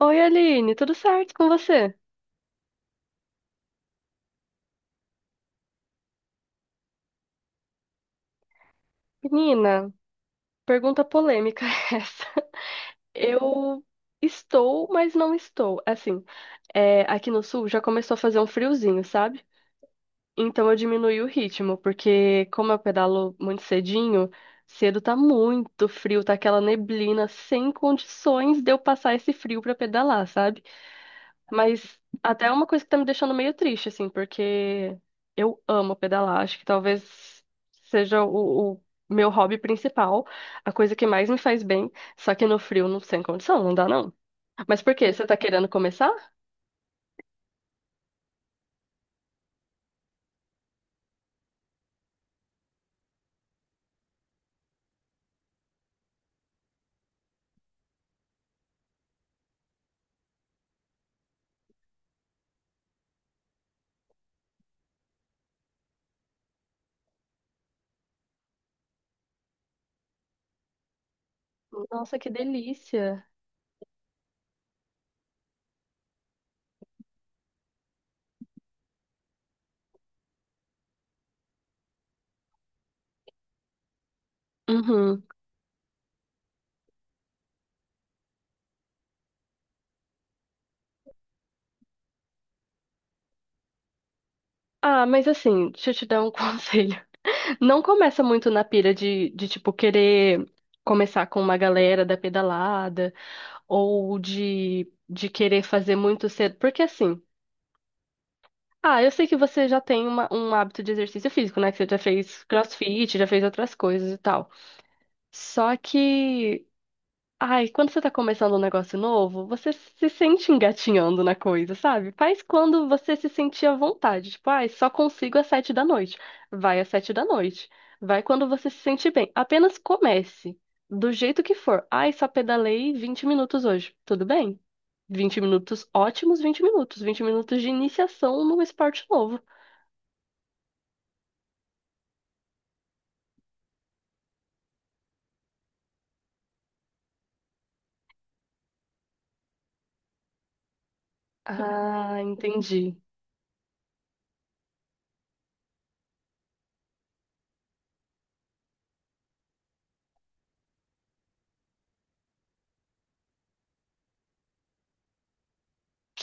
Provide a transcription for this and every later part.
Oi, Aline, tudo certo com você? Menina, pergunta polêmica essa. Eu estou, mas não estou. Assim, aqui no sul já começou a fazer um friozinho, sabe? Então eu diminui o ritmo, porque como eu pedalo muito cedinho, cedo tá muito frio, tá aquela neblina sem condições de eu passar esse frio pra pedalar, sabe? Mas até é uma coisa que tá me deixando meio triste, assim, porque eu amo pedalar, acho que talvez seja o meu hobby principal, a coisa que mais me faz bem, só que no frio não sem condição, não dá não. Mas por quê? Você tá querendo começar? Nossa, que delícia. Uhum. Ah, mas assim, deixa eu te dar um conselho. Não começa muito na pira de tipo, querer começar com uma galera da pedalada ou de querer fazer muito cedo. Porque assim, ah, eu sei que você já tem um hábito de exercício físico, né? Que você já fez CrossFit, já fez outras coisas e tal. Só que, ai, quando você tá começando um negócio novo, você se sente engatinhando na coisa, sabe? Faz quando você se sentir à vontade. Tipo, ai, só consigo às 7 da noite. Vai às 7 da noite. Vai quando você se sentir bem. Apenas comece. Do jeito que for. Ai, só pedalei 20 minutos hoje. Tudo bem? 20 minutos ótimos, 20 minutos. 20 minutos de iniciação num esporte novo. Ah, entendi.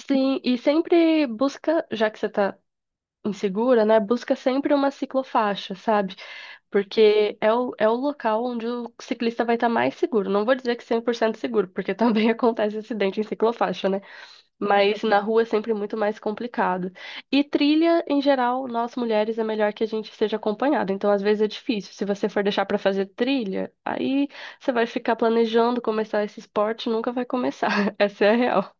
Sim, e sempre busca, já que você tá insegura, né? Busca sempre uma ciclofaixa, sabe? Porque é o local onde o ciclista vai estar mais seguro. Não vou dizer que 100% seguro, porque também acontece acidente em ciclofaixa, né? Mas na rua é sempre muito mais complicado. E trilha, em geral, nós mulheres é melhor que a gente seja acompanhada. Então, às vezes é difícil. Se você for deixar pra fazer trilha, aí você vai ficar planejando começar esse esporte e nunca vai começar. Essa é a real.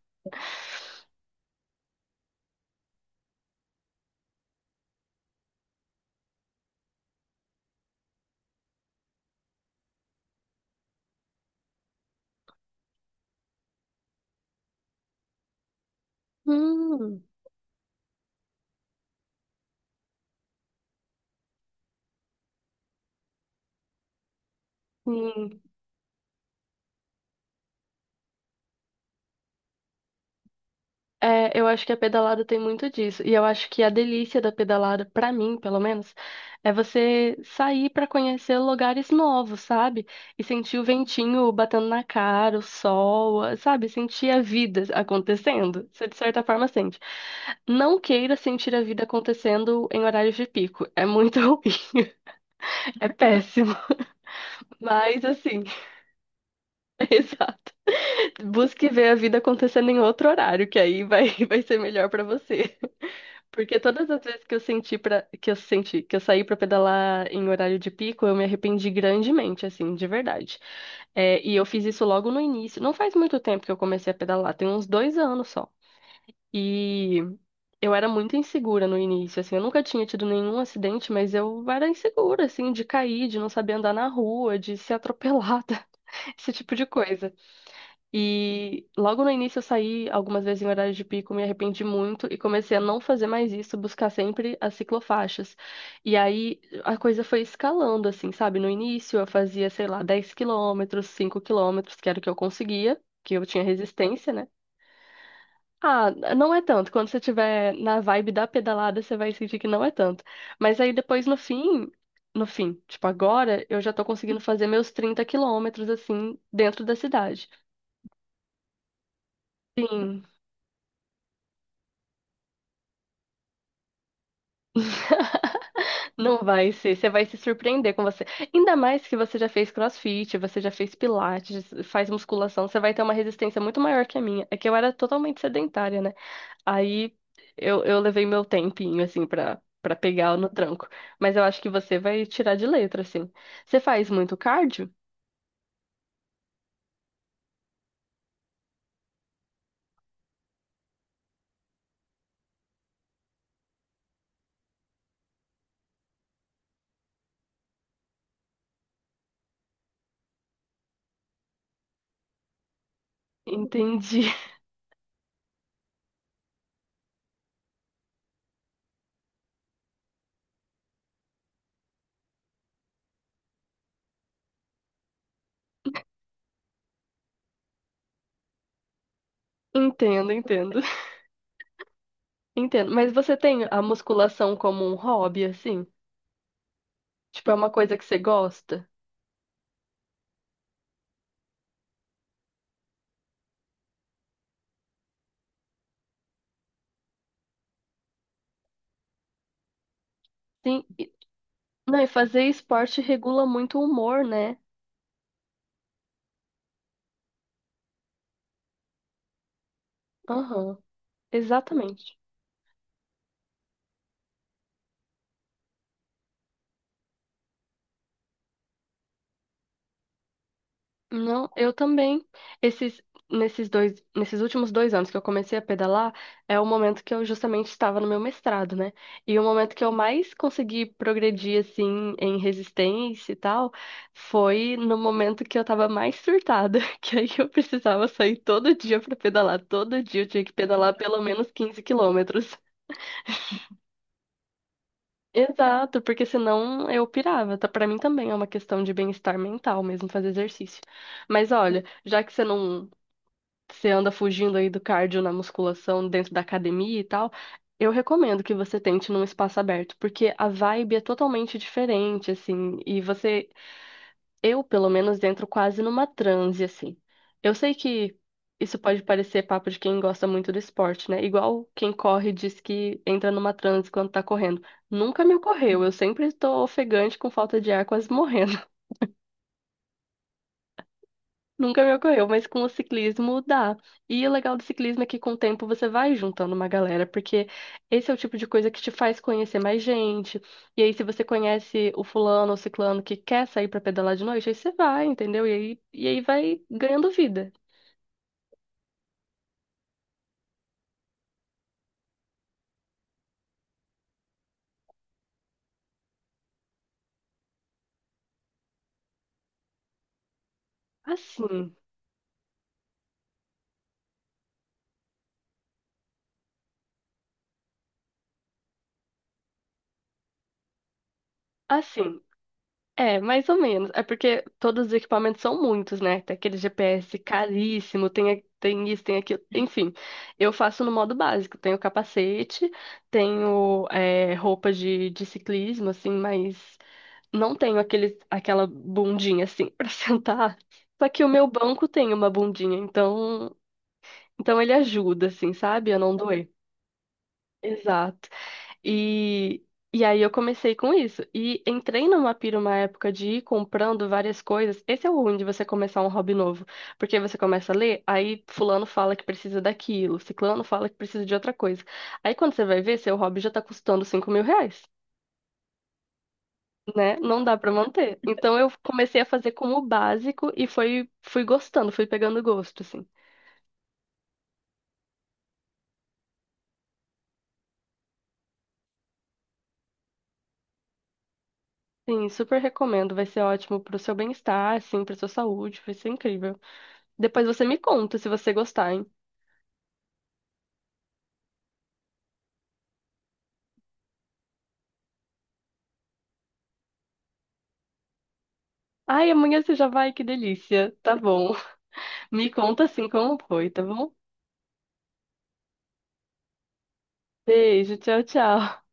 Hum, sim. É, eu acho que a pedalada tem muito disso. E eu acho que a delícia da pedalada, pra mim, pelo menos, é você sair pra conhecer lugares novos, sabe? E sentir o ventinho batendo na cara, o sol, sabe? Sentir a vida acontecendo. Você, de certa forma, sente. Não queira sentir a vida acontecendo em horários de pico. É muito ruim. É péssimo. Mas, assim, exato. Busque ver a vida acontecendo em outro horário, que aí vai, vai ser melhor pra você. Porque todas as vezes que eu senti que eu saí pra pedalar em horário de pico, eu me arrependi grandemente, assim, de verdade. É, e eu fiz isso logo no início. Não faz muito tempo que eu comecei a pedalar, tem uns 2 anos só. E eu era muito insegura no início, assim, eu nunca tinha tido nenhum acidente, mas eu era insegura, assim, de cair, de não saber andar na rua, de ser atropelada, esse tipo de coisa. E logo no início eu saí algumas vezes em horário de pico, me arrependi muito e comecei a não fazer mais isso, buscar sempre as ciclofaixas. E aí a coisa foi escalando, assim, sabe? No início eu fazia, sei lá, 10 km, 5 km, que era o que eu conseguia, que eu tinha resistência, né? Ah, não é tanto. Quando você tiver na vibe da pedalada, você vai sentir que não é tanto. Mas aí depois no fim, no fim, tipo agora, eu já tô conseguindo fazer meus 30 km, assim, dentro da cidade. Sim. Não vai ser, você vai se surpreender com você. Ainda mais que você já fez CrossFit, você já fez pilates, faz musculação, você vai ter uma resistência muito maior que a minha. É que eu era totalmente sedentária, né? Aí eu levei meu tempinho, assim, pra pegar no tranco. Mas eu acho que você vai tirar de letra, assim. Você faz muito cardio? Entendi. Entendo. Entendo. Mas você tem a musculação como um hobby, assim? Tipo, é uma coisa que você gosta? Sim. Não, e fazer esporte regula muito o humor, né? Aham, exatamente. Não, eu também. Esses, nesses nesses últimos 2 anos que eu comecei a pedalar, é o momento que eu justamente estava no meu mestrado, né? E o momento que eu mais consegui progredir, assim, em resistência e tal, foi no momento que eu estava mais surtada, que aí eu precisava sair todo dia para pedalar. Todo dia eu tinha que pedalar pelo menos 15 km. Exato, porque senão eu pirava. Tá, para mim também é uma questão de bem-estar mental mesmo fazer exercício. Mas olha, já que você não você anda fugindo aí do cardio na musculação dentro da academia e tal, eu recomendo que você tente num espaço aberto, porque a vibe é totalmente diferente assim, e você eu, pelo menos, entro quase numa transe, assim. Eu sei que isso pode parecer papo de quem gosta muito do esporte, né? Igual quem corre diz que entra numa transe quando tá correndo. Nunca me ocorreu, eu sempre estou ofegante com falta de ar, quase morrendo. Nunca me ocorreu, mas com o ciclismo dá. E o legal do ciclismo é que com o tempo você vai juntando uma galera, porque esse é o tipo de coisa que te faz conhecer mais gente. E aí, se você conhece o fulano ou ciclano que quer sair pra pedalar de noite, aí você vai, entendeu? E aí vai ganhando vida. Assim, assim. É, mais ou menos. É porque todos os equipamentos são muitos, né? Tem aquele GPS caríssimo, tem, tem isso, tem aquilo. Enfim, eu faço no modo básico. Tenho capacete, tenho é, roupa de ciclismo, assim, mas não tenho aquela bundinha, assim, pra sentar. Só que o meu banco tem uma bundinha, então, ele ajuda, assim, sabe? A não doer. Exato. E, e aí eu comecei com isso. E entrei numa pira uma época de ir comprando várias coisas. Esse é o ruim de você começar um hobby novo. Porque você começa a ler, aí fulano fala que precisa daquilo, ciclano fala que precisa de outra coisa. Aí quando você vai ver, seu hobby já tá custando R$ 5.000. Né? Não dá pra manter. Então eu comecei a fazer como básico e fui gostando, fui pegando gosto, assim. Sim, super recomendo. Vai ser ótimo pro seu bem-estar, assim, pra sua saúde. Vai ser incrível. Depois você me conta se você gostar, hein? Ai, amanhã você já vai, que delícia. Tá bom. Me conta assim como foi, tá bom? Beijo, tchau, tchau.